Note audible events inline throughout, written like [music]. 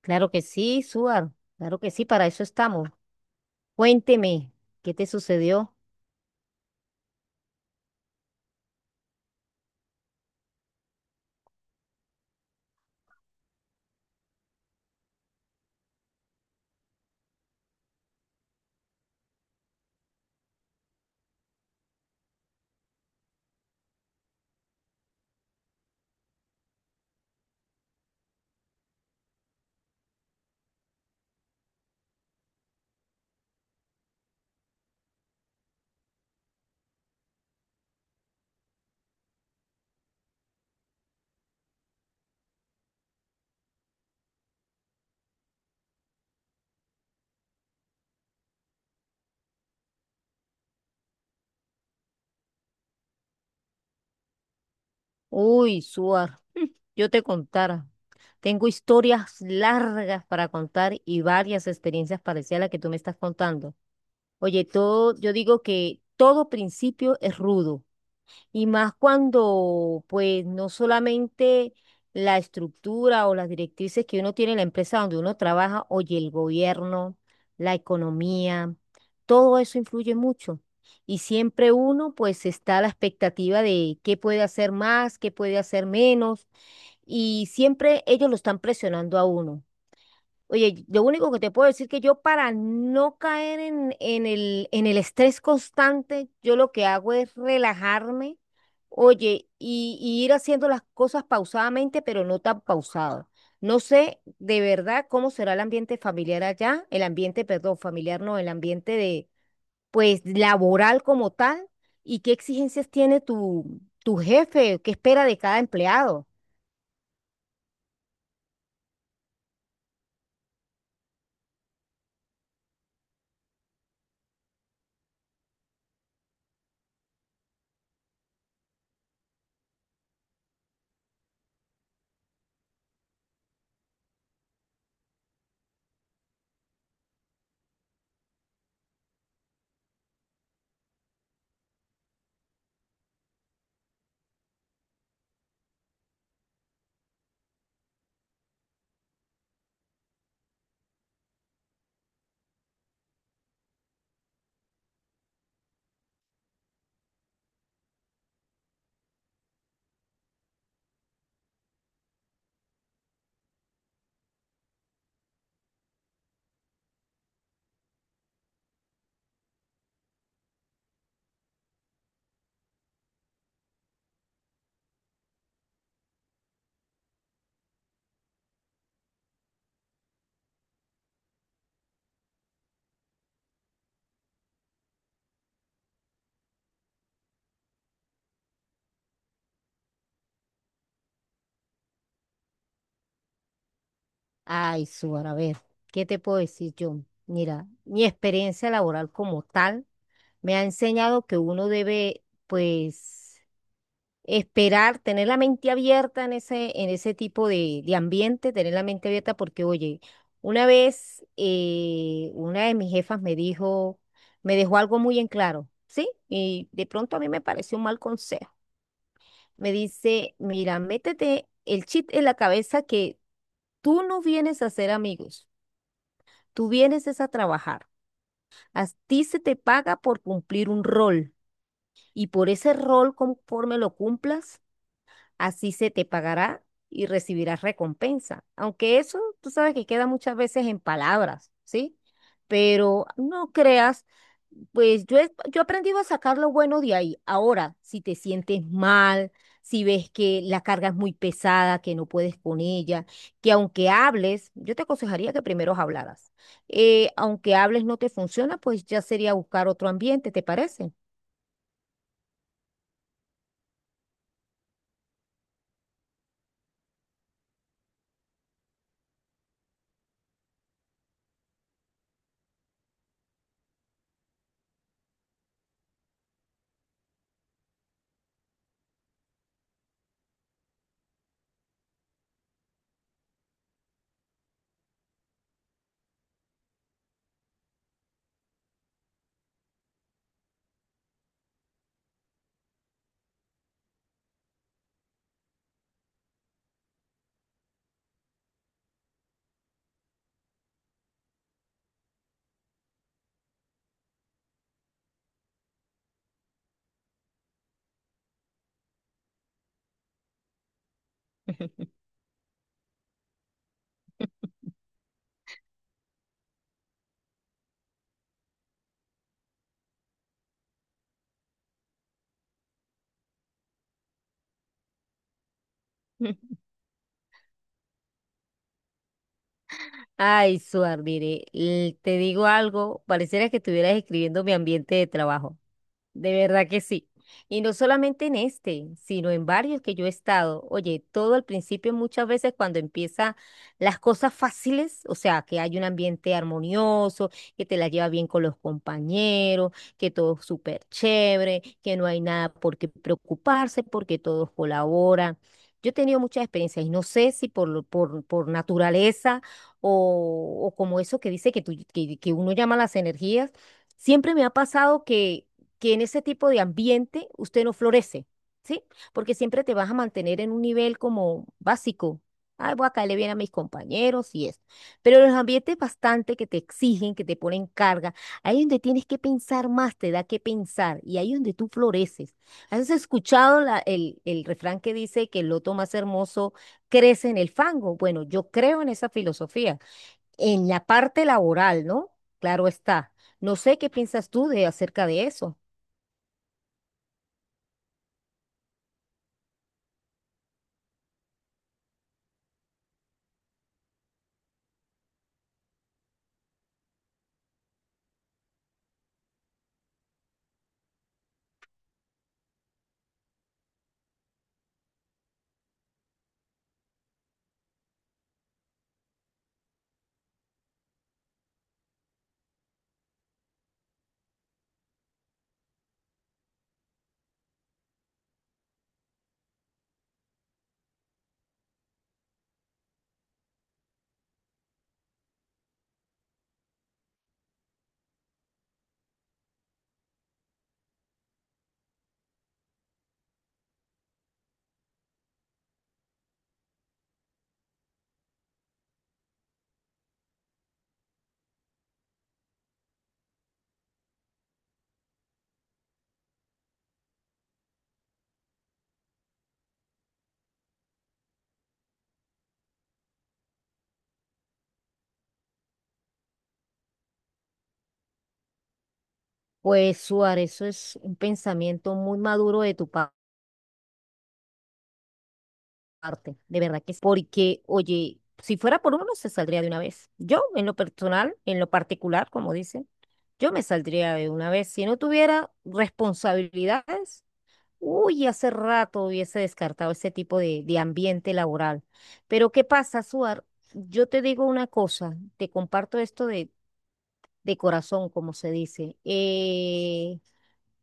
Claro que sí, Suar. Claro que sí, para eso estamos. Cuénteme, ¿qué te sucedió? Uy, Suar, yo te contara. Tengo historias largas para contar y varias experiencias parecidas a las que tú me estás contando. Oye, todo, yo digo que todo principio es rudo. Y más cuando, pues, no solamente la estructura o las directrices que uno tiene en la empresa donde uno trabaja, oye, el gobierno, la economía, todo eso influye mucho. Y siempre uno, pues, está a la expectativa de qué puede hacer más, qué puede hacer menos, y siempre ellos lo están presionando a uno. Oye, lo único que te puedo decir que yo para no caer en el estrés constante, yo lo que hago es relajarme, oye, y ir haciendo las cosas pausadamente, pero no tan pausado. No sé de verdad cómo será el ambiente familiar allá, el ambiente, perdón, familiar no, el ambiente de, pues, laboral como tal, y qué exigencias tiene tu jefe, qué espera de cada empleado. Ay, Suar, a ver, ¿qué te puedo decir yo? Mira, mi experiencia laboral como tal me ha enseñado que uno debe, pues, esperar, tener la mente abierta en ese tipo de ambiente, tener la mente abierta porque, oye, una vez una de mis jefas me dijo, me dejó algo muy en claro, ¿sí? Y de pronto a mí me pareció un mal consejo. Me dice, mira, métete el chip en la cabeza que tú no vienes a ser amigos. Tú vienes es a trabajar. A ti se te paga por cumplir un rol y por ese rol, conforme lo cumplas, así se te pagará y recibirás recompensa. Aunque eso, tú sabes que queda muchas veces en palabras, ¿sí? Pero no creas, pues yo he aprendido a sacar lo bueno de ahí. Ahora, si te sientes mal, si ves que la carga es muy pesada, que no puedes con ella, que aunque hables, yo te aconsejaría que primero hablaras. Aunque hables no te funciona, pues ya sería buscar otro ambiente, ¿te parece? [laughs] Ay, Suar, mire, te digo algo, pareciera que estuvieras escribiendo mi ambiente de trabajo. De verdad que sí. Y no solamente en este, sino en varios que yo he estado. Oye, todo al principio muchas veces cuando empieza las cosas fáciles, o sea, que hay un ambiente armonioso, que te la lleva bien con los compañeros, que todo es súper chévere, que no hay nada por qué preocuparse porque todos colaboran. Yo he tenido muchas experiencias y no sé si por naturaleza o como eso que dice que, que uno llama las energías. Siempre me ha pasado que en ese tipo de ambiente usted no florece, ¿sí? Porque siempre te vas a mantener en un nivel como básico. Ay, voy a caerle bien a mis compañeros y eso. Pero los ambientes bastante que te exigen, que te ponen carga, ahí es donde tienes que pensar más, te da que pensar, y ahí es donde tú floreces. ¿Has escuchado el refrán que dice que el loto más hermoso crece en el fango? Bueno, yo creo en esa filosofía, en la parte laboral, ¿no? Claro está. No sé qué piensas tú de acerca de eso. Pues Suárez, eso es un pensamiento muy maduro de tu parte, de verdad que sí. Porque, oye, si fuera por uno, se saldría de una vez. Yo, en lo personal, en lo particular, como dicen, yo me saldría de una vez. Si no tuviera responsabilidades, uy, hace rato hubiese descartado ese tipo de ambiente laboral. Pero ¿qué pasa, Suar? Yo te digo una cosa, te comparto esto de corazón, como se dice.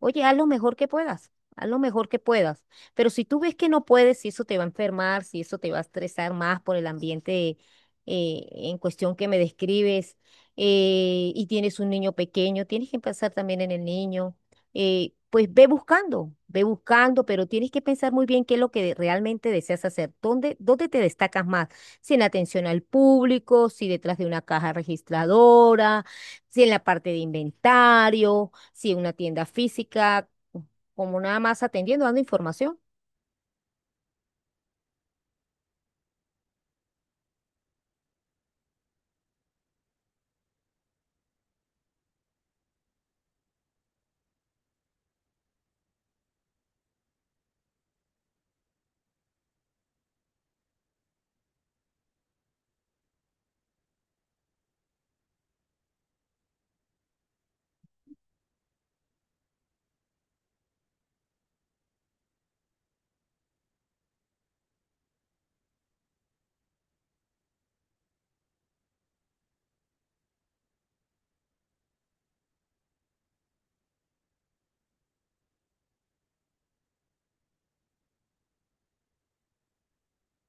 Oye, haz lo mejor que puedas, haz lo mejor que puedas. Pero si tú ves que no puedes, si eso te va a enfermar, si eso te va a estresar más por el ambiente en cuestión que me describes, y tienes un niño pequeño, tienes que pensar también en el niño, pues ve buscando, pero tienes que pensar muy bien qué es lo que realmente deseas hacer, dónde, dónde te destacas más, si en atención al público, si detrás de una caja registradora, si en la parte de inventario, si una tienda física, como nada más atendiendo, dando información.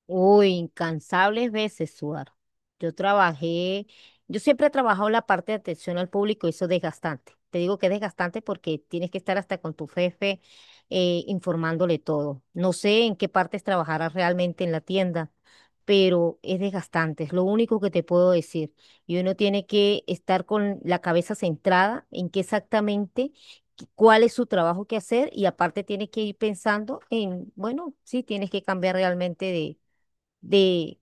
Uy, incansables veces, sudar. Yo trabajé, yo siempre he trabajado la parte de atención al público, y eso es desgastante. Te digo que es desgastante porque tienes que estar hasta con tu jefe informándole todo. No sé en qué partes trabajarás realmente en la tienda, pero es desgastante, es lo único que te puedo decir. Y uno tiene que estar con la cabeza centrada en qué exactamente, cuál es su trabajo que hacer y aparte tiene que ir pensando en, bueno, sí, tienes que cambiar realmente de,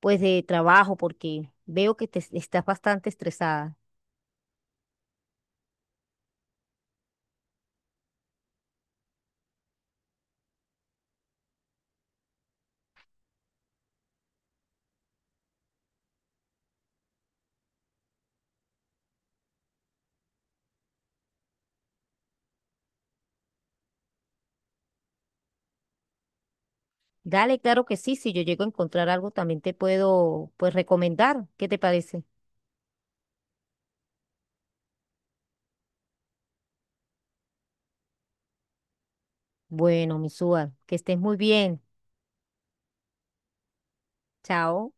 pues, de trabajo, porque veo que te estás bastante estresada. Dale, claro que sí, si yo llego a encontrar algo, también te puedo, pues, recomendar. ¿Qué te parece? Bueno, Misúa, que estés muy bien. Chao.